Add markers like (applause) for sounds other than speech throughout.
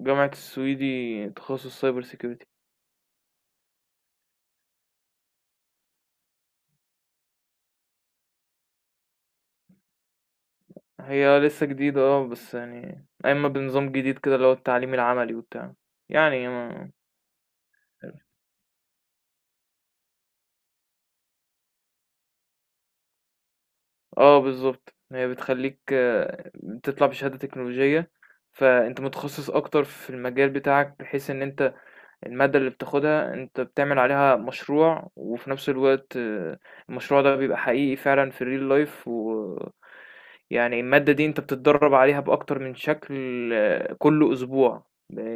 جامعة السويدي، تخصص سايبر سيكيورتي. هي لسه جديدة، اه، بس يعني أما بنظام جديد كده اللي هو التعليم العملي وبتاع، يعني ما... اه بالظبط. هي بتخليك، بتطلع بشهادة تكنولوجية، فأنت متخصص أكتر في المجال بتاعك، بحيث إن أنت المادة اللي بتاخدها أنت بتعمل عليها مشروع، وفي نفس الوقت المشروع ده بيبقى حقيقي فعلا في الريل لايف، و يعني المادة دي أنت بتتدرب عليها بأكتر من شكل. كل أسبوع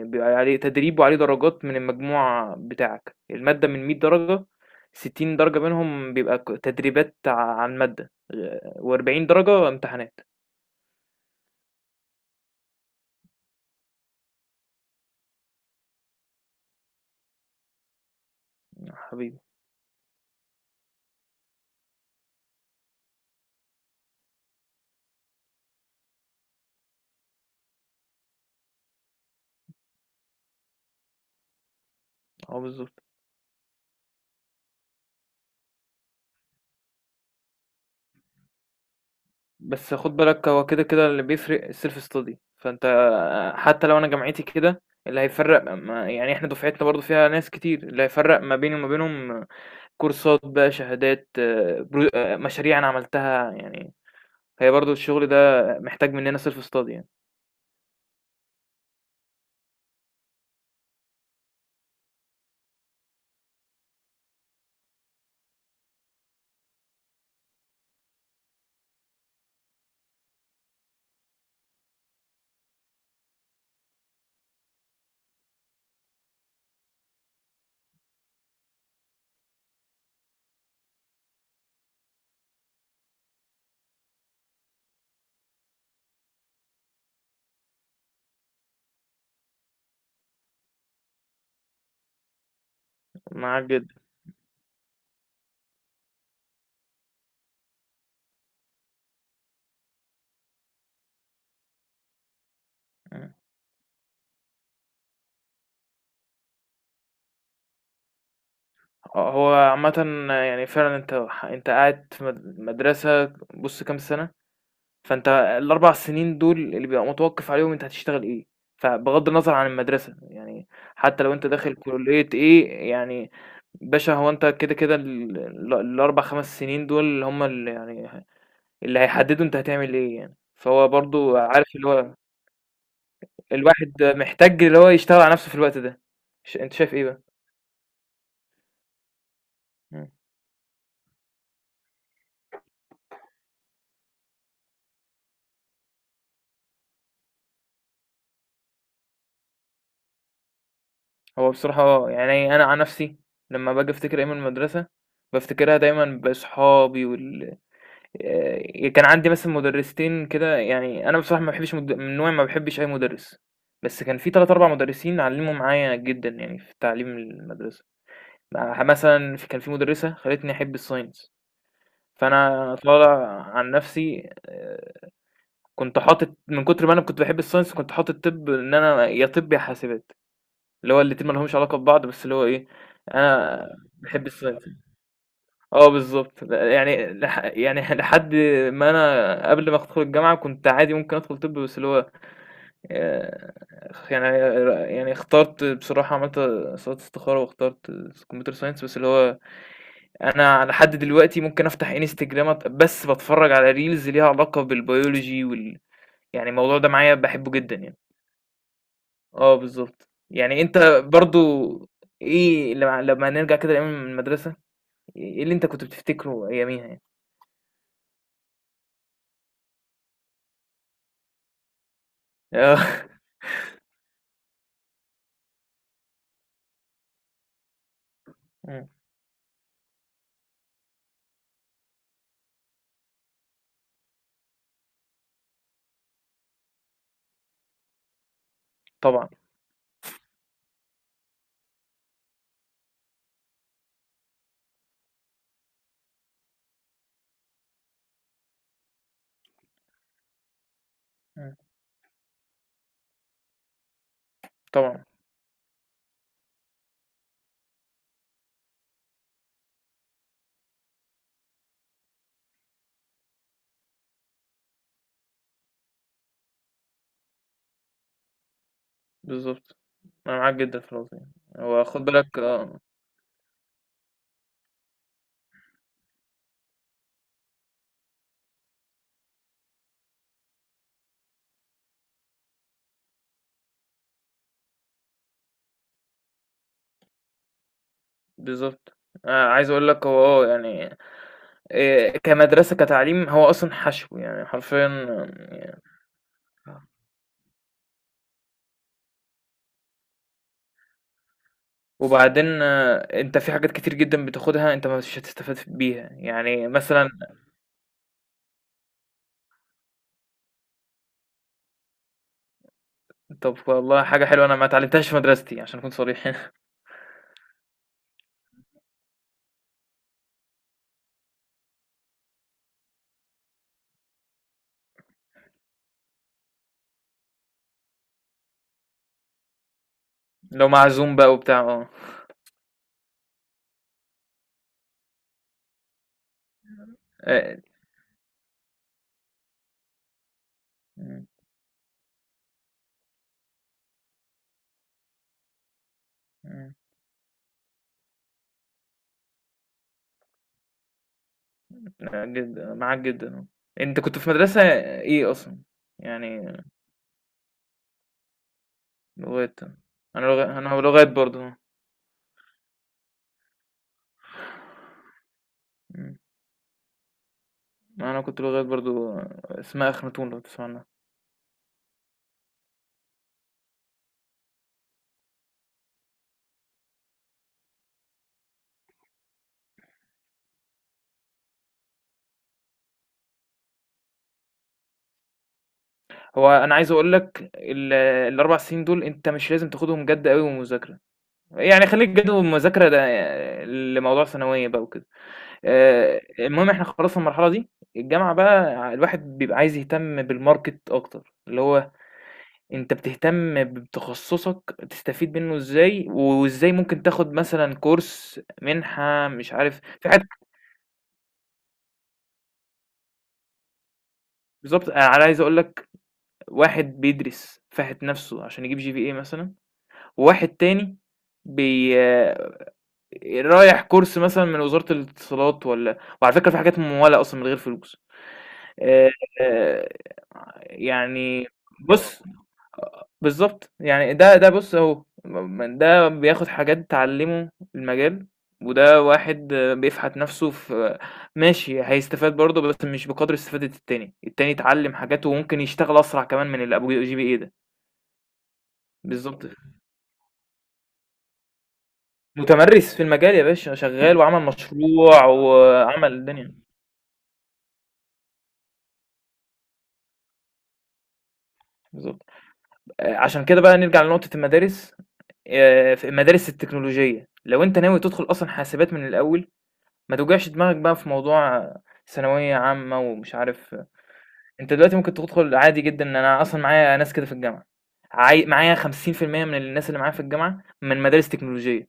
بيبقى عليه تدريب وعليه درجات من المجموع بتاعك. المادة من 100 درجة، 60 درجة منهم بيبقى تدريبات عن مادة، و40 درجة امتحانات. حبيبي. اه بالظبط. بس خد بالك، هو كده كده اللي بيفرق السيلف ستادي. فانت حتى لو انا جامعتي كده، اللي هيفرق ما يعني، احنا دفعتنا برضو فيها ناس كتير، اللي هيفرق ما بيني وما بينهم كورسات بقى، شهادات، مشاريع انا عملتها يعني. هي برضو الشغل ده محتاج مننا سيلف ستادي يعني. معاك جدا. مم. هو عامة يعني فعلا انت قاعد في مدرسة، بص كام سنة، فأنت ال4 سنين دول اللي بيبقى متوقّف عليهم أنت هتشتغل إيه. فبغض النظر عن المدرسة، يعني حتى لو أنت داخل كُلّية إيه، يعني باشا هو أنت كده، كده ال ال ال4، 5 سنين دول هم اللي يعني اللي هيحدّدوا أنت هتعمل إيه يعني. فهو برضه عارف اللي هو الواحد محتاج اللي هو يشتغل على نَفْسه في الوقت ده. أنت شايف إيه بقى؟ إمم، هو بصراحة، يعني أنا عن نَفْسي لمّا باجي أفتكر أيام المدرسة، بافتكرها دايمًا بأصحابي وال آه، كان عندي مثلا مدرستين كده. يعني انا بصراحه ما بحبش من نوعي ما بحبش اي مدرس، بس كان في ثلاث اربع مدرسين علموا معايا جدا، يعني في تعليم المدرسه. مثلا كان في مدرسه خلتني احب الساينس. فانا طالع عن نفسي، كنت حاطط، من كتر ما انا كنت بحب الساينس كنت حاطط طب، ان انا يا طب يا حاسبات. اللي هو الاتنين ما لهمش علاقه ببعض، بس اللي هو ايه، انا بحب الساينس. آه بالضبط. ل يعني لح يعني (laughs) لحد ما أنا قبل ما أدخل الجامعة كنت عادي ممكن أدخل طِب. بس اللي هو آآ، يعني يعني اخترت بصراحة، عملت صلاة استخارة واخترت computer science. بس اللي هو أنا على حد دلوقتي ممكن أفتح Instagram، بس باتفرّج على reels ليها علاقة بالbiology وال، يعني الموضوع ده معايا باحبه جدًا يعني. آه بالضبط. يعني أنت برضه إيه، لمّا نرجع كده لأيام المدرسة، إيه اللي أنت كنت بتفتكره أياميها يعني؟ آه. (laughs) إمم. طبعًا. إمم. طبعًا. بالضبط، أنا معاك جدًا في النقطة دي. هو خُد بالك. بالضبط، أنا عايز أقول لك، هو يعني كمدرسة كتعليم هو أصلًا حشو، يعني حرفيًا. ي آه. وبعدين، أنت في حاجات كتير جدًا بتاخدها أنت مش هتستفاد بيها، يعني مثلًا. طب والله حاجة حلوة أنا ما اتعلمتهاش في مدرستي عشان أكون صريح (laughs) هنا. اللي هو معزوم بقى وبتاع، آه، آآ إمم، إمم، لأ جدًا، معاك جدًا. أنت كنت في مدرسة إيه أصلًا؟ يعني لغات. انا لغات انا لغات برضو. مم. انا كنت لغات برضو. اسمها اخناتون لو تسمع عنها. هو انا عايز اقول لك الاربع سنين دول انت مش لازم تاخدهم جد قوي ومذاكره. يعني خليك جد ومذاكره ده لموضوع ثانويه بقى وكده. المهم احنا خلصنا المرحله دي. الجامعه بقى الواحد بيبقى عايز يهتم بالماركت اكتر، اللي هو انت بتهتم بتخصصك تستفيد منه ازاي، وازاي ممكن تاخد مثلا كورس، منحه، مش عارف، في حاجات. بالضبط، أنا عايز أقول لك، واحد بيدرس فاحِت نَفْسه عشان يجيب GPA مثلًا، وواحد تاني بي آه، رايح كورس مثلًا من وزارة الاتصالات، والّا وعلى فكرة في حاجات ممولة أصلًا من غير فلوس. آآ يعني بُص. آه، بالضبط، يعني ده بُص أهو، ده بياخد حاجات تعلّمه المجال، وده واحد بيفحت نَفْسه في، ماشي. هيستفاد برضه، بس مش بقدر استفادة التاني. التاني اتعلّم حاجات وممكن يشتغل أسرع كمان من اللي أبو GPA ده. بالضبط. متمرّس في المجال يا باشا، شغّال وعمل مشروع وعمل الدنيا. بالضبط. عشان كده بقى نرجع لنقطة المدارس. في المدارس التكنولوجية، لو أنت ناوي تدخل أصلًا حاسبات من الأول، ما توجعش دماغك بقى في موضوع ثانوية عامة ومش عارف. أنت دلوقتي ممكن تدخل عادي جدًا. أنا أصلًا معايا ناس كده في الجامعة، معايا 50% من الناس اللي معايا في الجامعة من مدارس تكنولوجية.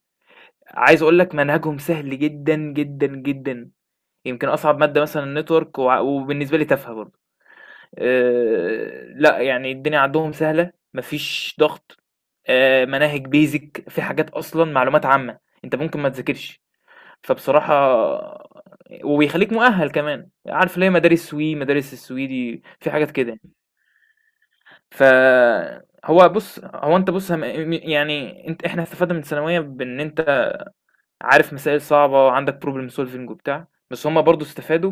عايز أقول لك منهجهم سهل جدًا، جدًا، جدًا. يمكن أصعب مادة مثلًا الnetwork، وبالنسبة لي تافهة برضه. لا يعني الدنيا عندهم سهلة، مفيش ضغط. مناهج بيزك في حاجات أصلا معلومات عامة. أنت ممكن ما تذاكرش، فبصراحة. وبيخليك مؤهل كمان. عارف ليه مدارس سوي، مدارس السويدي في حاجات كده؟ فهو بص. هو انت بص. يعني انت احنا استفدنا من الثانويه بان انت عارف مسائل صعبة وعندك problem solving وبتاع، بس هما برضو استفادوا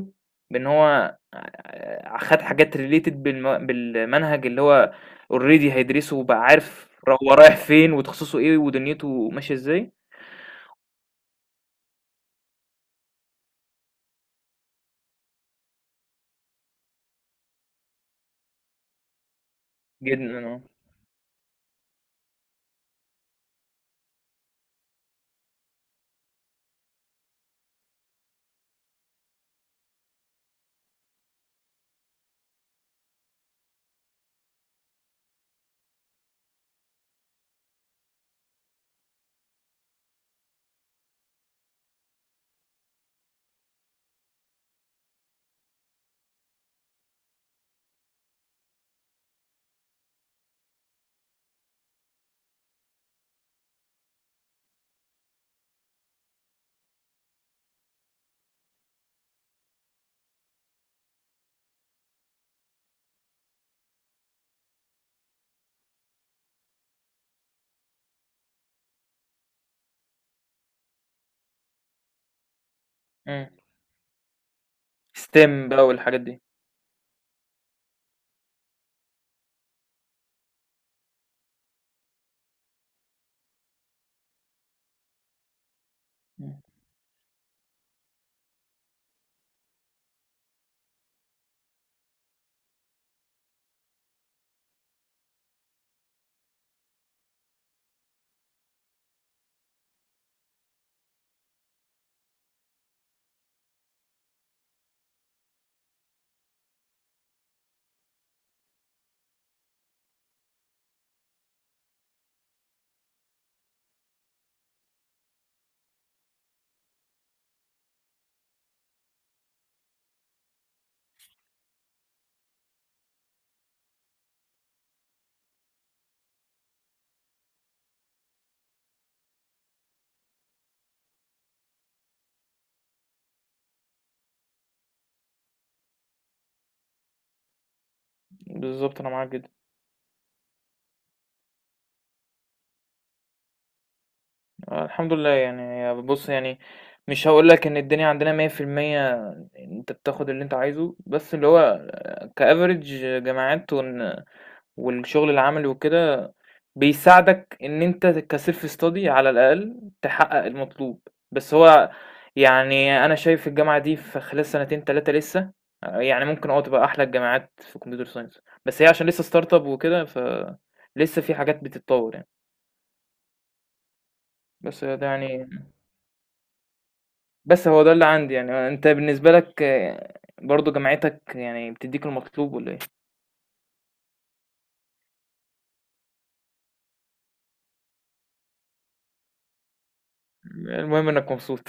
بإن هو خد حاجات related بالمنهج اللي هو already هيدرسه، وبقى عارف هو رايح فين، وتخصصه ايه، ودنيته ماشية ازاي. جدا اه. مم. STEM بقى والحاجات دي. مم. بالظبط انا معاك جدا. الحمد لله يعني. بص يعني، مش هقول لك ان الدنيا عندنا 100%، انت بتاخد اللي انت عايزه، بس اللي هو كافريج جامعات والشغل العملي وكده بيساعدك ان انت كسيلف ستادي على الاقل تحقق المطلوب. بس هو يعني انا شايف الجامعه دي في خلال سنتين تلاتة لسه يعني ممكن اه تبقى احلى الجامعات في كمبيوتر ساينس. بس هي عشان لسه ستارت اب وكده، ف لسه في حاجات بتتطور يعني. بس ده يعني، بس هو ده اللي عندي يعني. انت بالنسبه لك، برضو جامعتك يعني بتديك المطلوب ولا ايه؟ المهم انك مبسوط.